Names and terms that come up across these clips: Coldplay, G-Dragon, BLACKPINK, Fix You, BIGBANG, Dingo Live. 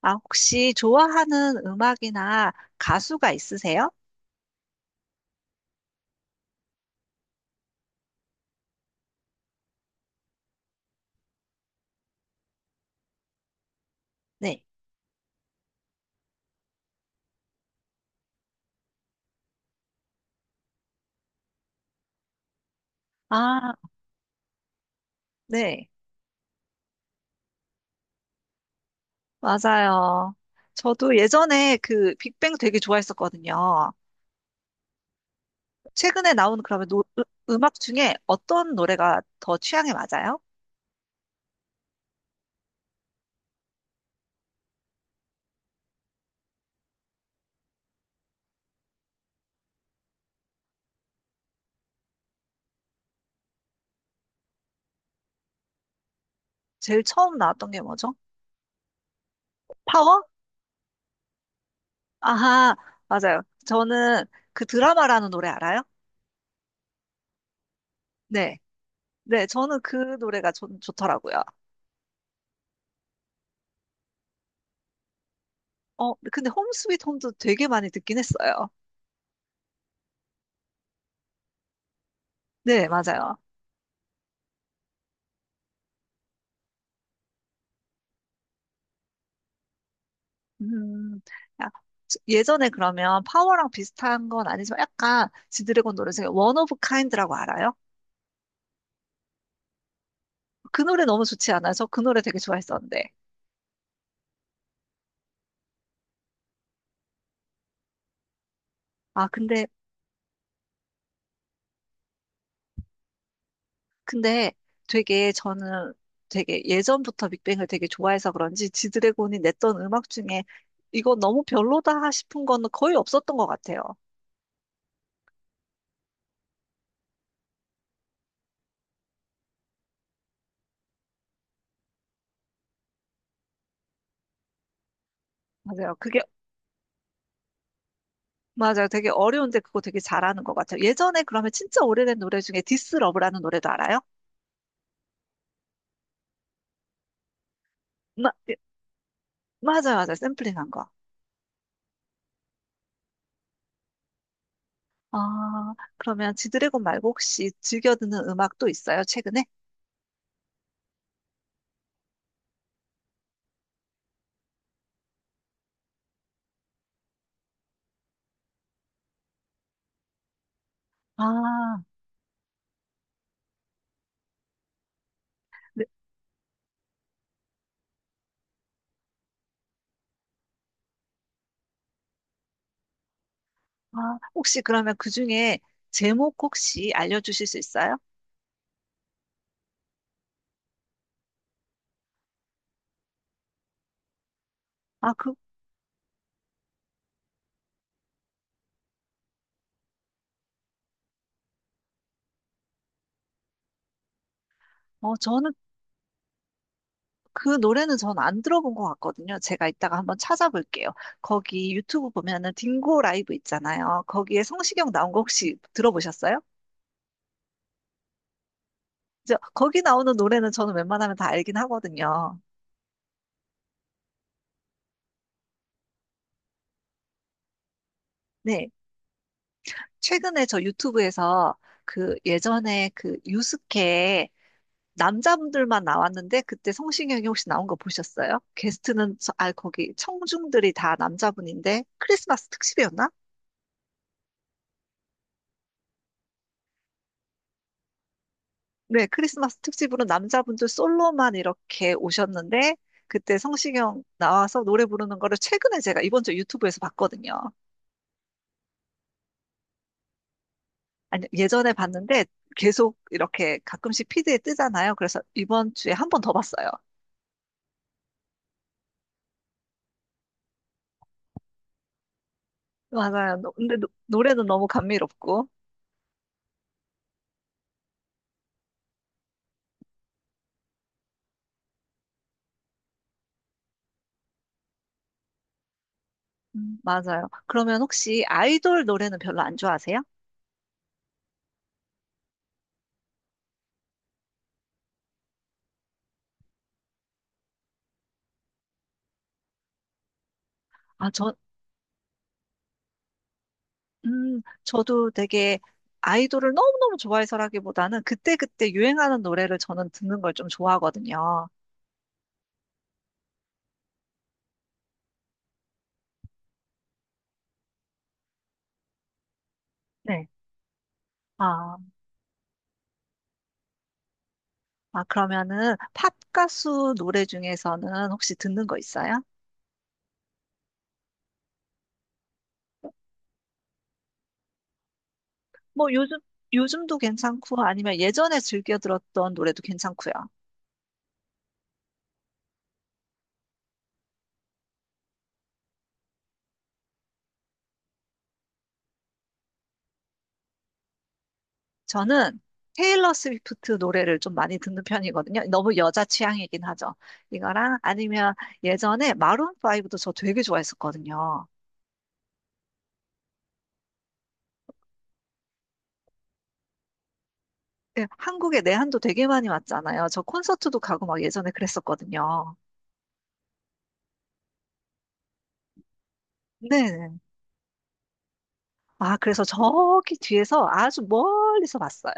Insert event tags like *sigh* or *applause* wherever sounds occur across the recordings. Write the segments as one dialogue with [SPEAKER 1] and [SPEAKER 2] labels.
[SPEAKER 1] 아, 혹시 좋아하는 음악이나 가수가 있으세요? 네. 아, 네. 맞아요. 저도 예전에 그 빅뱅 되게 좋아했었거든요. 최근에 나온 그러면 음악 중에 어떤 노래가 더 취향에 맞아요? 제일 처음 나왔던 게 뭐죠? 파워? 아하, 맞아요. 저는 그 드라마라는 노래 알아요? 네. 네, 저는 그 노래가 좋더라고요. 어, 근데 홈 스윗 홈도 되게 많이 듣긴 했어요. 네, 맞아요. 음, 야, 예전에 그러면 파워랑 비슷한 건 아니지만 약간 지드래곤 노래 중에 원 오브 카인드라고 알아요? 그 노래 너무 좋지 않아요? 저 그 노래 되게 좋아했었는데. 아, 근데, 근데 되게 저는 되게 예전부터 빅뱅을 되게 좋아해서 그런지 지드래곤이 냈던 음악 중에 이거 너무 별로다 싶은 건 거의 없었던 것 같아요. 맞아요. 그게, 맞아요. 되게 어려운데 그거 되게 잘하는 것 같아요. 예전에 그러면 진짜 오래된 노래 중에 디스 러브라는 노래도 알아요? 예, 맞아요, 맞아요. 샘플링한 거. 아, 그러면 지드래곤 말고 혹시 즐겨 듣는 음악 또 있어요, 최근에? 아, 네. 아, 혹시 그러면 그 중에 제목 혹시 알려주실 수 있어요? 아, 그, 저는 그 노래는 전 안 들어본 것 같거든요. 제가 이따가 한번 찾아볼게요. 거기 유튜브 보면은 딩고 라이브 있잖아요. 거기에 성시경 나온 거 혹시 들어보셨어요? 저, 거기 나오는 노래는 저는 웬만하면 다 알긴 하거든요. 네. 최근에 저 유튜브에서 그 예전에 그 유스케 남자분들만 나왔는데 그때 성시경이 혹시 나온 거 보셨어요? 게스트는 아 거기 청중들이 다 남자분인데 크리스마스 특집이었나? 네, 크리스마스 특집으로 남자분들 솔로만 이렇게 오셨는데 그때 성시경 나와서 노래 부르는 거를 최근에 제가 이번 주 유튜브에서 봤거든요. 아니 예전에 봤는데 계속 이렇게 가끔씩 피드에 뜨잖아요. 그래서 이번 주에 한 번 더 봤어요. 맞아요. 근데 노래는 너무 감미롭고. 맞아요. 그러면 혹시 아이돌 노래는 별로 안 좋아하세요? 아, 저, 저도 되게 아이돌을 너무너무 좋아해서라기보다는 그때그때 유행하는 노래를 저는 듣는 걸 좀 좋아하거든요. 네. 아, 아, 그러면은 팝 가수 노래 중에서는 혹시 듣는 거 있어요? 뭐 요즘도 괜찮고 아니면 예전에 즐겨 들었던 노래도 괜찮고요. 저는 테일러 스위프트 노래를 좀 많이 듣는 편이거든요. 너무 여자 취향이긴 하죠. 이거랑 아니면 예전에 마룬5도 저 되게 좋아했었거든요. 네, 한국에 내한도 되게 많이 왔잖아요. 저 콘서트도 가고 막 예전에 그랬었거든요. 네. 아, 그래서 저기 뒤에서 아주 멀리서 봤어요.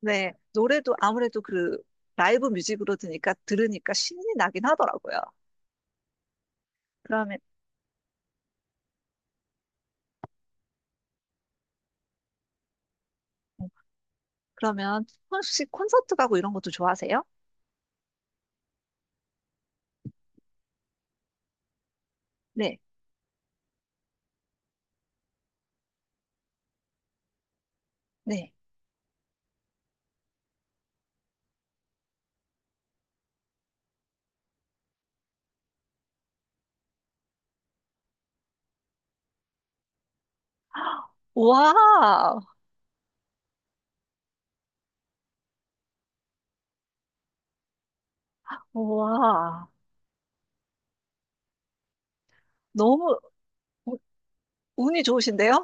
[SPEAKER 1] 네. 노래도 아무래도 그 라이브 뮤직으로 드니까 들으니까 신이 나긴 하더라고요. 그러면 음, 그러면 혹시 콘서트 가고 이런 것도 좋아하세요? 네. 네. 와. 와. 너무 운- 운이 좋으신데요?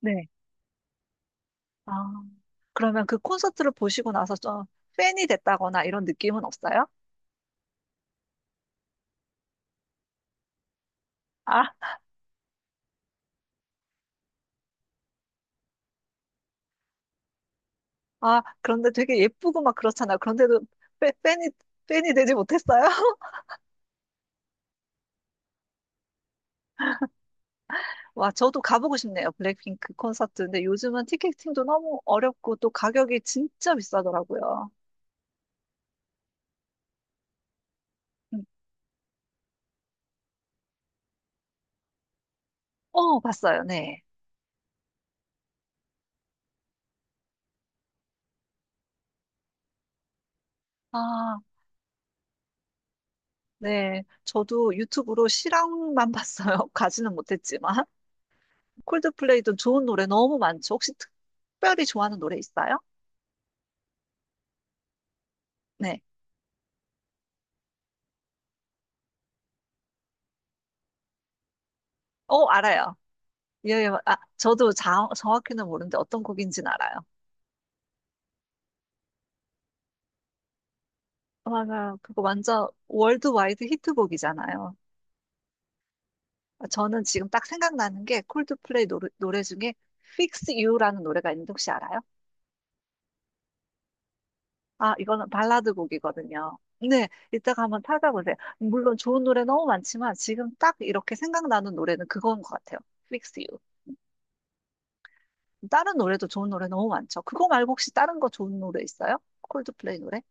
[SPEAKER 1] 네. 아, 그러면 그 콘서트를 보시고 나서 좀 팬이 됐다거나 이런 느낌은 없어요? 아, 아, 그런데 되게 예쁘고 막 그렇잖아. 그런데도 팬, 팬이, 팬이 되지 못했어요? *laughs* 와, 저도 가보고 싶네요. 블랙핑크 콘서트. 근데 요즘은 티켓팅도 너무 어렵고 또 가격이 진짜 비싸더라고요. 음. 어, 봤어요. 네. 아, 네. 저도 유튜브로 실황만 *laughs* 봤어요. 가지는 못했지만. 콜드플레이도 좋은 노래 너무 많죠. 혹시 특별히 좋아하는 노래 있어요? 네. 어, 알아요. 예, 예. 아, 저도 정확히는 모르는데 어떤 곡인지는 알아요. 맞아요. 그거 완전 월드와이드 히트곡이잖아요. 저는 지금 딱 생각나는 게 콜드플레이 노래 중에 Fix You라는 노래가 있는데 혹시 알아요? 아, 이거는 발라드 곡이거든요. 네, 이따가 한번 찾아보세요. 물론 좋은 노래 너무 많지만 지금 딱 이렇게 생각나는 노래는 그건 것 같아요. Fix You. 다른 노래도 좋은 노래 너무 많죠. 그거 말고 혹시 다른 거 좋은 노래 있어요? 콜드플레이 노래?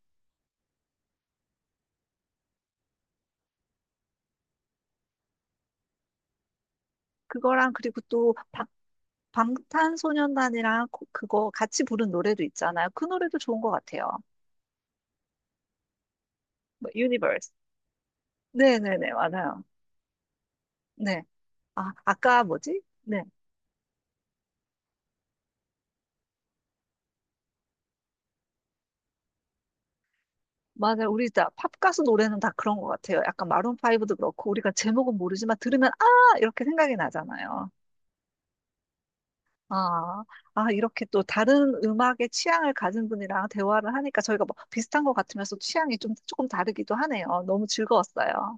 [SPEAKER 1] 그거랑 그리고 또 방탄소년단이랑 그거 같이 부른 노래도 있잖아요. 그 노래도 좋은 것 같아요. 뭐, 유니버스. 네네네, 맞아요. 네. 아, 아까 뭐지? 네. 맞아요. 우리 다 팝가수 노래는 다 그런 것 같아요. 약간 마룬파이브도 그렇고, 우리가 제목은 모르지만 들으면, 아! 이렇게 생각이 나잖아요. 아, 아, 이렇게 또 다른 음악의 취향을 가진 분이랑 대화를 하니까 저희가 뭐 비슷한 것 같으면서 취향이 좀, 조금 다르기도 하네요. 너무 즐거웠어요.